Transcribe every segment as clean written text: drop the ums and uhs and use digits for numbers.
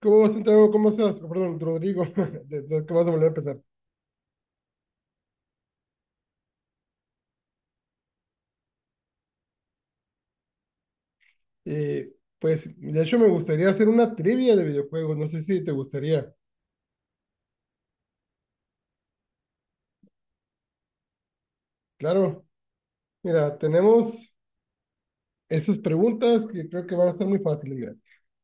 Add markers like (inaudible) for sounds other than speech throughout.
¿Cómo vas, Santiago? ¿Cómo estás? Oh, perdón, Rodrigo. (laughs) ¿Cómo vas a volver a empezar? Eh, pues, de hecho, me gustaría hacer una trivia de videojuegos. No sé si te gustaría. Claro. Mira, tenemos esas preguntas que creo que van a ser muy fáciles. Mira,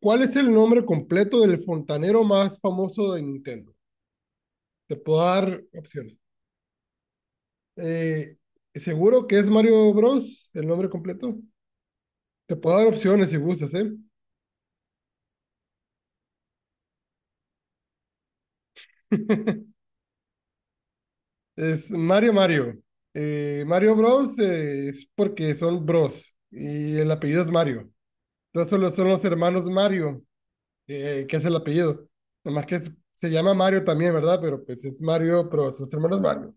¿cuál es el nombre completo del fontanero más famoso de Nintendo? Te puedo dar opciones. Eh, ¿Seguro que es Mario Bros. El nombre completo? Te puedo dar opciones si gustas, ¿eh? (laughs) Es Mario Mario. Mario Bros. Es porque son bros y el apellido es Mario. Entonces solo son los hermanos Mario, que es el apellido. Nomás que se llama Mario también, ¿verdad? Pero pues es Mario, pero sus hermanos Mario.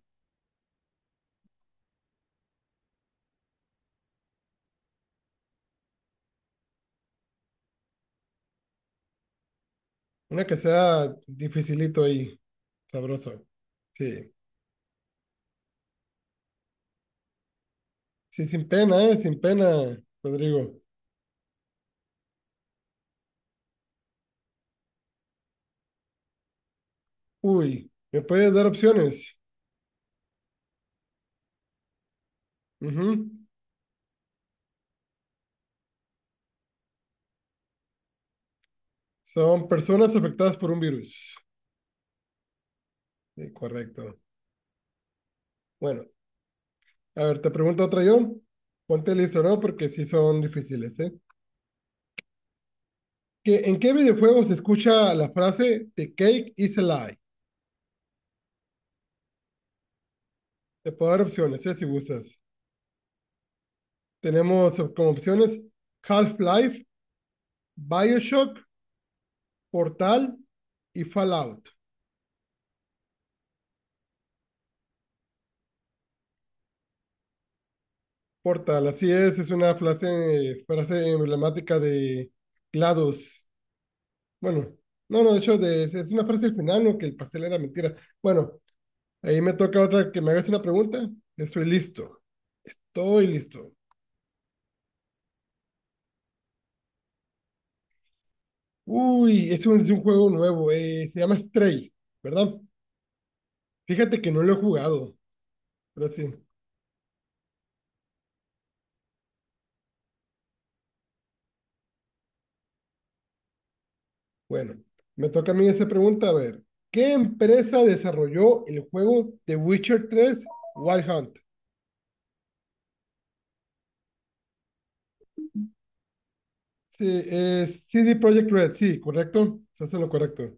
Una que sea dificilito ahí, sabroso. Sí, sí, sin pena, ¿eh? Sin pena, Rodrigo. Uy, ¿me puedes dar opciones? Ujú. Son personas afectadas por un virus. Sí, correcto. Bueno. A ver, te pregunto otra yo. Ponte listo, ¿no? Porque sí son difíciles, ¿eh? ¿En qué videojuego se escucha la frase The cake is a lie? Te puedo dar opciones, ¿eh? Si gustas. Tenemos como opciones Half-Life, Bioshock, Portal y Fallout. Portal, así es una frase, frase emblemática de GLaDOS. Bueno, no, no, de hecho, es una frase del final, ¿no? Que el pastel era mentira. Bueno, ahí me toca otra que me hagas una pregunta. Estoy listo. Estoy listo. Uy, es un juego nuevo. Se llama Stray, ¿verdad? Fíjate que no lo he jugado, pero sí. Bueno, me toca a mí esa pregunta. A ver, ¿qué empresa desarrolló el juego The Witcher 3 Wild Hunt? Sí, es CD Projekt Red, sí, correcto. Se hace lo correcto.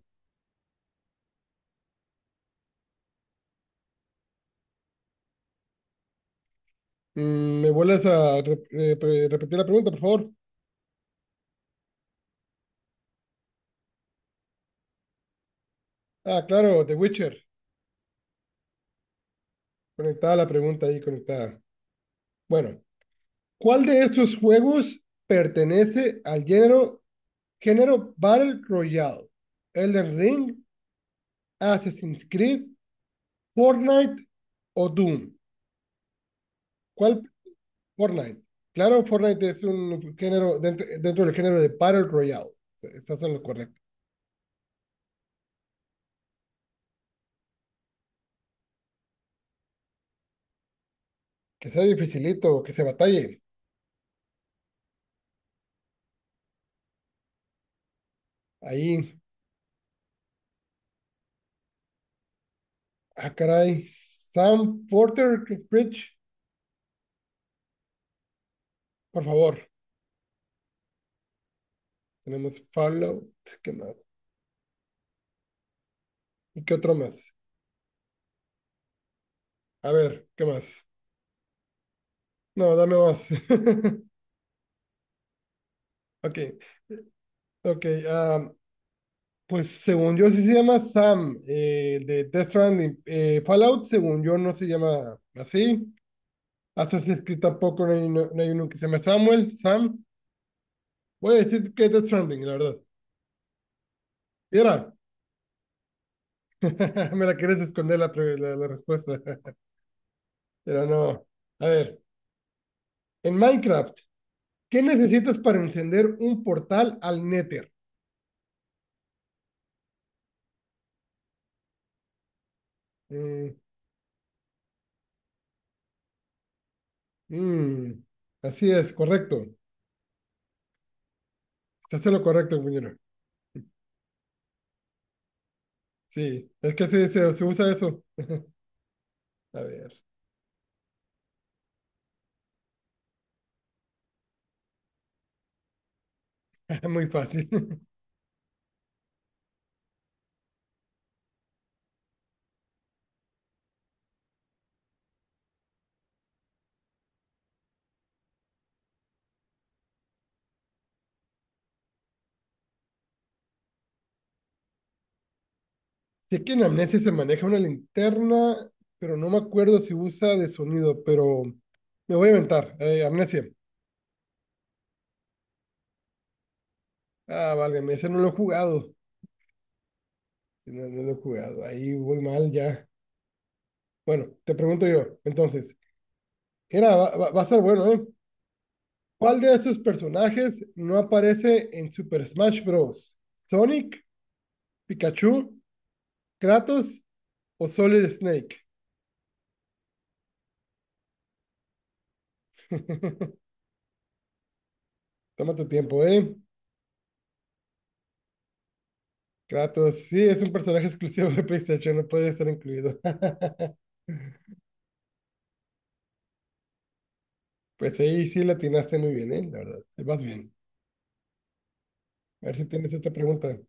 ¿Me vuelves a repetir la pregunta, por favor? Ah, claro, The Witcher. Conectada la pregunta ahí, conectada. Bueno, ¿cuál de estos juegos pertenece al género Battle Royale? Elden Ring, Assassin's Creed, Fortnite o Doom. ¿Cuál? Fortnite. Claro, Fortnite es un género dentro del género de Battle Royale. Estás en lo correcto. Que sea dificilito, que se batalle. Ahí, ah, caray. Sam Porter Bridge, por favor. Tenemos Fallout. ¿Qué más? ¿Y qué otro más? A ver, ¿qué más? No, dame más. (laughs) Ok, ok. Pues según yo sí se llama Sam, de Death Stranding. Fallout, según yo, no se llama así. Hasta se escribe tampoco, no hay, no hay uno que se llama Samuel, Sam. Voy a decir que Death Stranding, la verdad. Era, (laughs) me la quieres esconder la, la, la respuesta. (laughs) Pero no. A ver, en Minecraft, ¿qué necesitas para encender un portal al Nether? Mm, mm, así es, correcto. Se hace lo correcto, compañero. Sí, es que se usa eso. A ver, (laughs) muy fácil. (laughs) Sé que en Amnesia se maneja una linterna, pero no me acuerdo si usa de sonido, pero me voy a inventar. Amnesia. Ah, válgame, ese no lo he jugado. Sí, no, no lo he jugado. Ahí voy mal ya. Bueno, te pregunto yo, entonces. Era, va, va a ser bueno, ¿eh? ¿Cuál de esos personajes no aparece en Super Smash Bros? ¿Sonic, Pikachu, Kratos o Solid Snake? (laughs) Toma tu tiempo, ¿eh? Kratos, sí, es un personaje exclusivo de PlayStation, no puede estar incluido. (laughs) Pues ahí sí la atinaste muy bien, ¿eh? La verdad, te vas bien. A ver si tienes otra pregunta.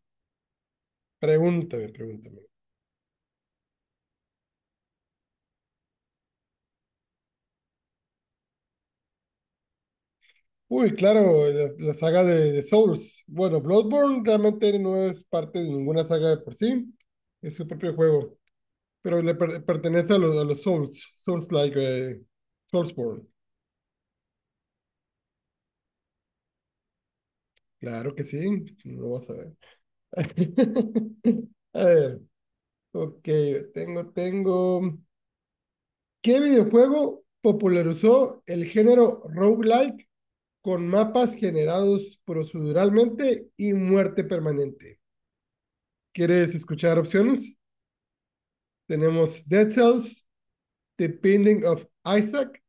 Pregúntame, pregúntame. Uy, claro, la saga de Souls. Bueno, Bloodborne realmente no es parte de ninguna saga de por sí, es su propio juego, pero le pertenece a los Souls, Souls-like, Soulsborne. Claro que sí, lo vas a ver. (laughs) A ver, ok, tengo. ¿Qué videojuego popularizó el género roguelike con mapas generados proceduralmente y muerte permanente? ¿Quieres escuchar opciones? Tenemos Dead Cells, The Binding of Isaac,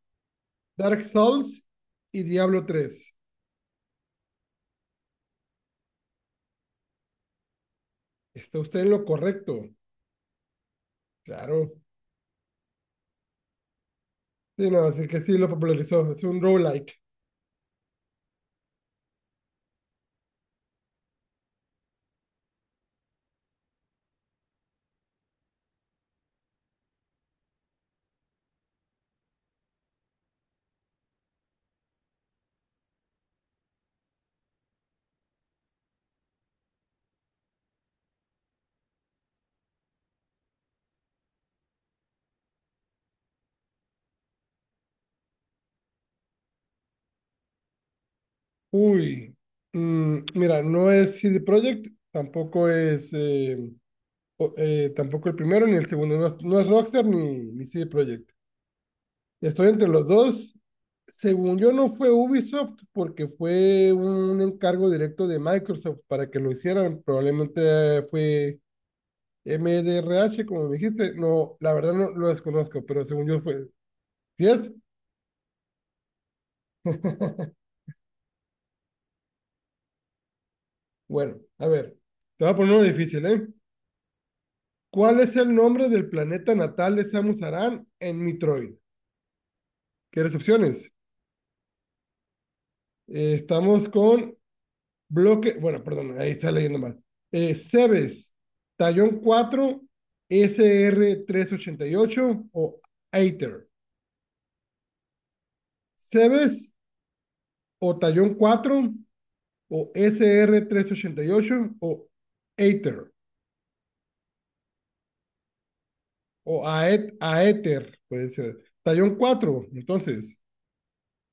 Dark Souls y Diablo 3. ¿Está usted en lo correcto? Claro. Sí, no, así que sí lo popularizó. Es un roguelike. Uy. Mira, no es CD Projekt, tampoco es tampoco el primero ni el segundo, no es Rockstar ni CD Projekt. Estoy entre los dos. Según yo, no fue Ubisoft porque fue un encargo directo de Microsoft para que lo hicieran. Probablemente fue MDRH, como me dijiste. No, la verdad no lo desconozco, pero según yo fue. ¿Sí es? (laughs) Bueno, a ver, te voy a poner uno difícil, ¿eh? ¿Cuál es el nombre del planeta natal de Samus Aran en Metroid? ¿Quieres opciones? Estamos con Bloque, bueno, perdón, ahí está leyendo mal. Cebes, Tallón 4, sr ocho o Aether. Cebes o Tallón 4 o sr ocho o Aether o Aether, puede ser. Tallón 4 entonces,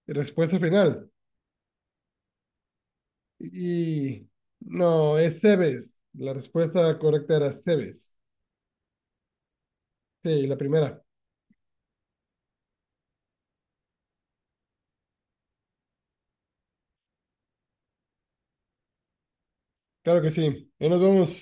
respuesta final. Y no, es Cebes. La respuesta correcta era Cebes. Sí, la primera. Claro que sí. Y nos vemos.